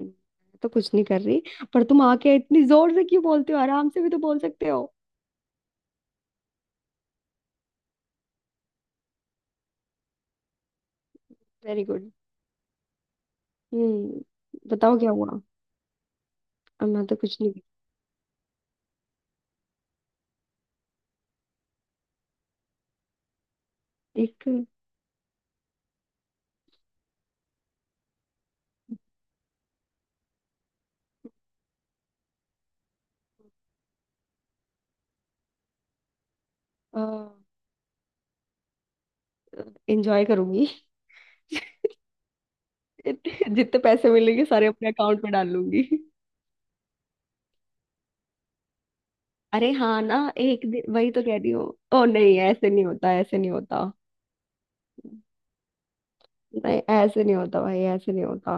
मैं तो कुछ नहीं कर रही। पर तुम आके इतनी जोर से क्यों बोलते हो? आराम से भी तो बोल सकते हो। Very good. हम्म। बताओ क्या हुआ? अब मैं तो कुछ नहीं। एक। एंजॉय करूंगी। जितने जितने पैसे मिलेंगे सारे अपने अकाउंट में डाल लूंगी। अरे हाँ ना, एक दिन वही तो कह रही हूँ। ओ नहीं, ऐसे नहीं होता, ऐसे नहीं होता। नहीं, ऐसे नहीं होता भाई, ऐसे नहीं होता।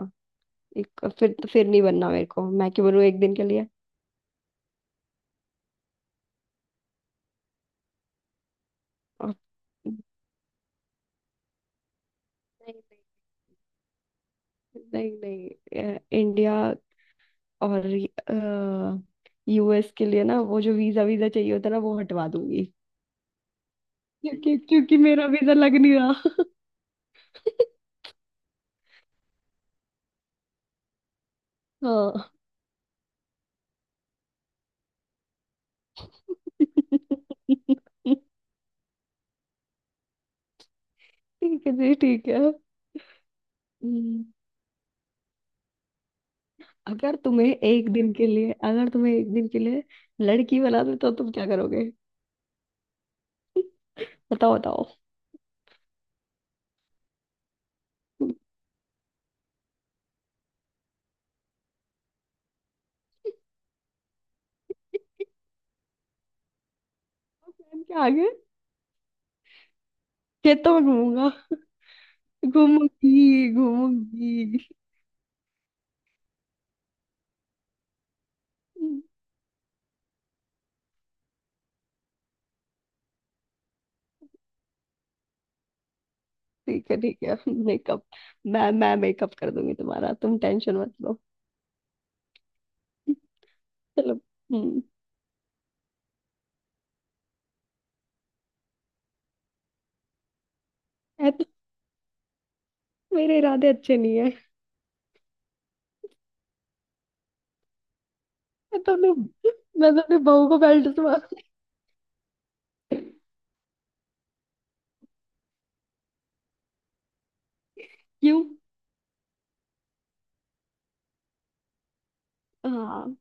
एक फिर नहीं बनना मेरे को, मैं क्यों बनूं एक दिन के लिए? और- नहीं, नहीं, नहीं, नहीं, इंडिया और यूएस के लिए ना, वो जो वीजा वीजा चाहिए होता है ना, वो हटवा दूंगी। क्योंकि क्योंकि मेरा वीजा लग नहीं रहा। हाँ। ठीक है जी, ठीक है। हम्म। अगर तुम्हें एक दिन के लिए अगर तुम्हें एक दिन के लिए लड़की बना दे तो तुम क्या करोगे? बताओ, बताओ। प्लान क्या आगे? खेतों में घूमूंगा घूमूंगी घूमूंगी। ठीक है, ठीक है। मेकअप, मैं मेकअप कर दूंगी तुम्हारा। तुम टेंशन मत लो। चलो। हम्म। ऐ तो मेरे इरादे अच्छे नहीं है। मैं तो अपने मैं तो अपने बहू को बेल्ट से मार। क्यों? हाँ,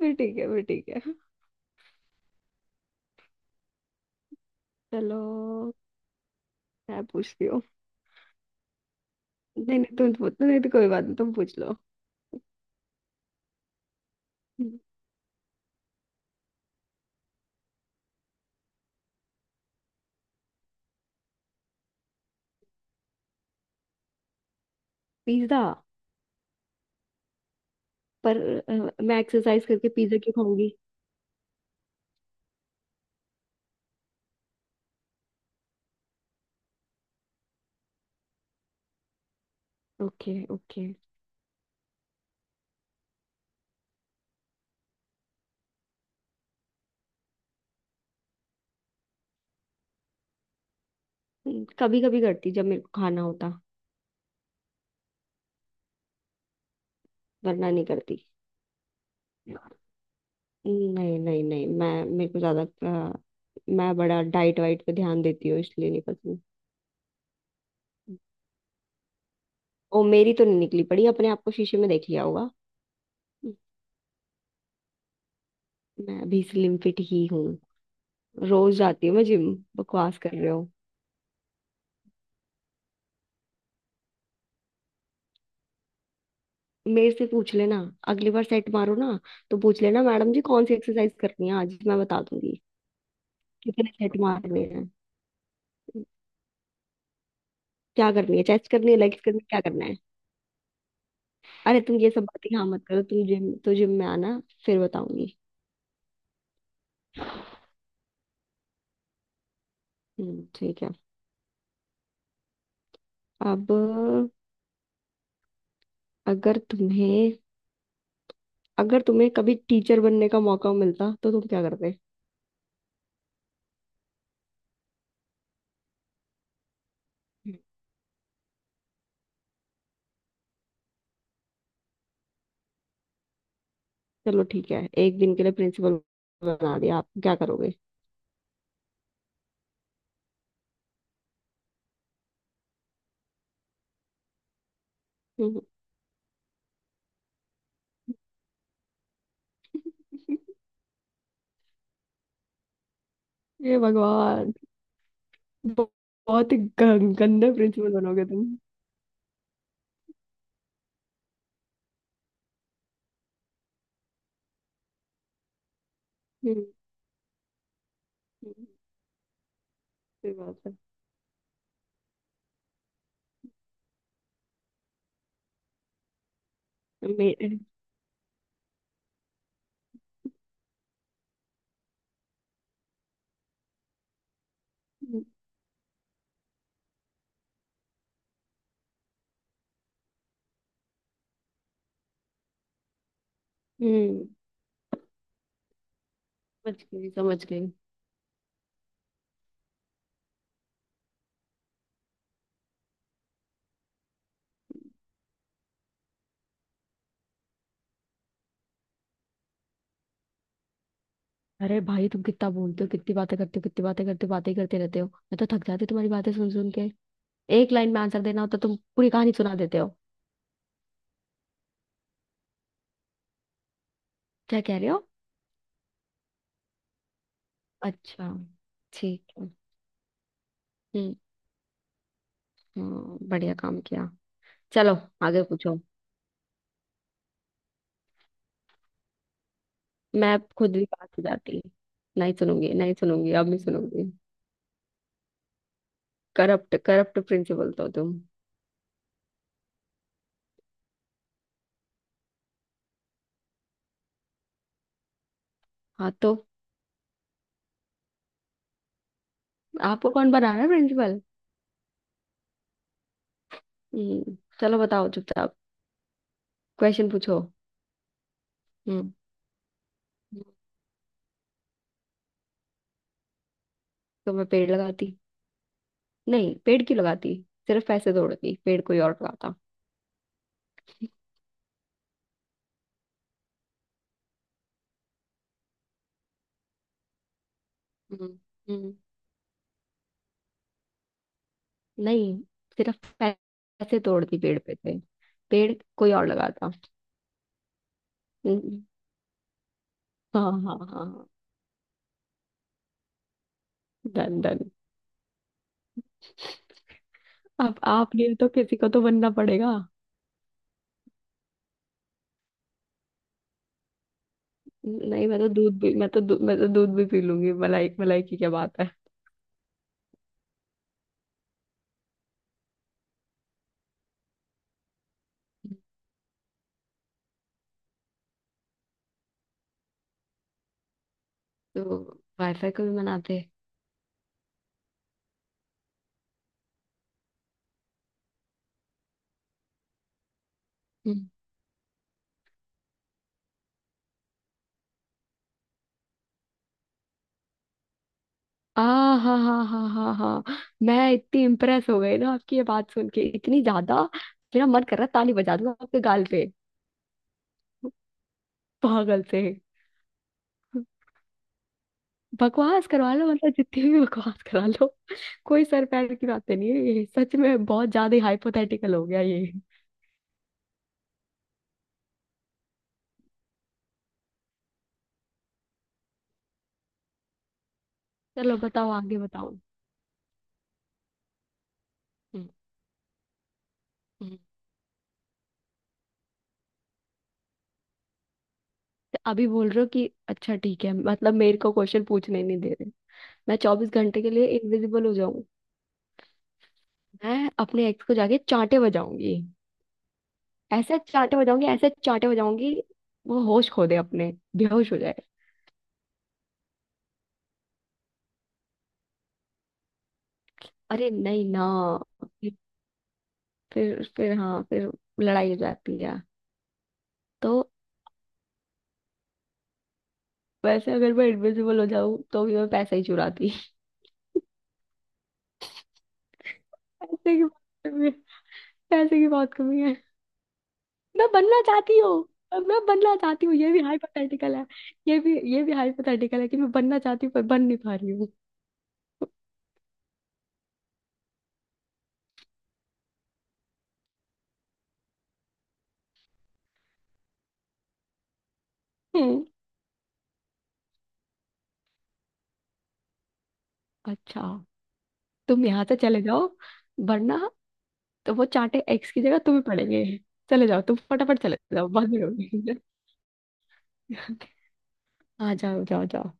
फिर ठीक है, फिर ठीक है। चलो, मैं पूछती हूँ। नहीं, नहीं, तुम पूछ। नहीं तो कोई बात नहीं, तुम पूछ लो। पिज्जा? पर मैं एक्सरसाइज करके पिज्जा क्यों खाऊंगी? Okay, okay. कभी कभी करती, जब मेरे को खाना होता। वरना नहीं करती। नहीं, नहीं, नहीं, मैं मेरे को ज्यादा अ, मैं बड़ा डाइट वाइट पे ध्यान देती हूँ, इसलिए नहीं पसंद। ओ, मेरी तो नहीं निकली पड़ी, अपने आप को शीशे में देख लिया होगा। मैं अभी स्लिम फिट ही हूँ। रोज जाती हूँ मैं जिम, बकवास कर रहे हो। मेरे से पूछ लेना। अगली बार सेट मारो ना, तो पूछ लेना मैडम जी, कौन सी एक्सरसाइज करनी है आज, मैं बता दूंगी। कितने सेट मारने हैं? क्या करनी है? चेस्ट करनी है? लेग्स करनी है? क्या करना है? अरे तुम ये सब बातें यहाँ मत करो, तुम जिम तो जिम में आना, फिर बताऊंगी। ठीक है। अब, अगर तुम्हें, अगर तुम्हें कभी टीचर बनने का मौका मिलता तो तुम क्या करते? चलो ठीक है, एक दिन के लिए प्रिंसिपल बना दिया, आप क्या करोगे? हम्म। ये भगवान! ब- बहुत ही गंदे प्रिंसिपल बनोगे तुम। हम्म, हम्म। सही बात है। मे- हम्म, समझ गई, समझ गई। अरे भाई, तुम कितना बोलते हो, कितनी बातें करते हो, कितनी बातें करते हो, बातें ही करते रहते हो। मैं तो थक जाती हूँ तुम्हारी बातें सुन सुन के। एक लाइन में आंसर देना होता, तुम पूरी कहानी सुना देते हो। क्या कह रहे हो? अच्छा। ठीक है। हम्म। हाँ, बढ़िया काम किया। चलो। आगे पूछो। मैं खुद भी पास हो जाती। नहीं सुनूंगी, नहीं सुनूंगी, अब नहीं सुनूंगी। करप्ट, करप्ट प्रिंसिपल तो तुम। हाँ, तो आपको कौन बना रहा है प्रिंसिपल? हम्म, चलो बताओ चुपचाप, क्वेश्चन पूछो। हम्म। तो मैं पेड़ लगाती। नहीं, पेड़ क्यों लगाती? सिर्फ पैसे तोड़ती, पेड़ कोई और लगाता। हम्म। हम्म। नहीं, सिर्फ पैसे तोड़ती, पेड़ पे थे, पेड़ कोई और लगाता। हम्म। हाँ, हाँ, हाँ, हाँ। Done, done. अब आप नहीं हो तो किसी को तो बनना पड़ेगा। नहीं, मैं तो दूध भी पी लूंगी, मलाई मलाई की क्या बात है। तो वाईफाई को भी मनाते हैं। हम्म। आ हाँ, हाँ, हाँ, हाँ, हाँ। मैं इतनी इम्प्रेस हो गई ना आपकी ये बात सुन के, इतनी ज्यादा मेरा मन कर रहा है ताली बजा दूं आपके गाल पे, पागल से। बकवास करवा लो, मतलब जितनी भी बकवास करा लो, कोई सर पैर की बातें नहीं है ये, सच में बहुत ज्यादा हाइपोथेटिकल हो गया ये। चलो बताओ, आगे बताओ। हम्म। हम्म। तो अभी बोल रहे हो कि अच्छा ठीक है, मतलब मेरे को क्वेश्चन पूछने नहीं दे रहे। मैं 24 घंटे के लिए इनविजिबल हो जाऊं। मैं अपने एक्स को जाके चांटे बजाऊंगी। ऐसे चांटे बजाऊंगी, ऐसे चांटे बजाऊंगी, वो होश खो दे अपने, बेहोश हो जाए। अरे नहीं ना। फिर फिर फिर, हाँ, फिर लड़ाई हो जाती है। तो वैसे अगर मैं इनविजिबल हो जाऊं तो भी मैं पैसा ही चुराती। पैसे की बात कमी है, पैसे की बहुत कमी है। मैं बनना चाहती हूँ। मैं बनना चाहती हूँ, ये भी हाइपोथेटिकल है। ये भी हाइपोथेटिकल है कि मैं बनना चाहती हूँ, पर बन नहीं पा रही हूँ। हम्म। अच्छा, तुम यहाँ से चले जाओ, वरना तो वो चांटे एक्स की जगह तुम्हें पड़ेंगे। चले जाओ तुम, फटाफट चले जाओ, बाद में लौटेंगे। हाँ, जाओ, जाओ, जाओ।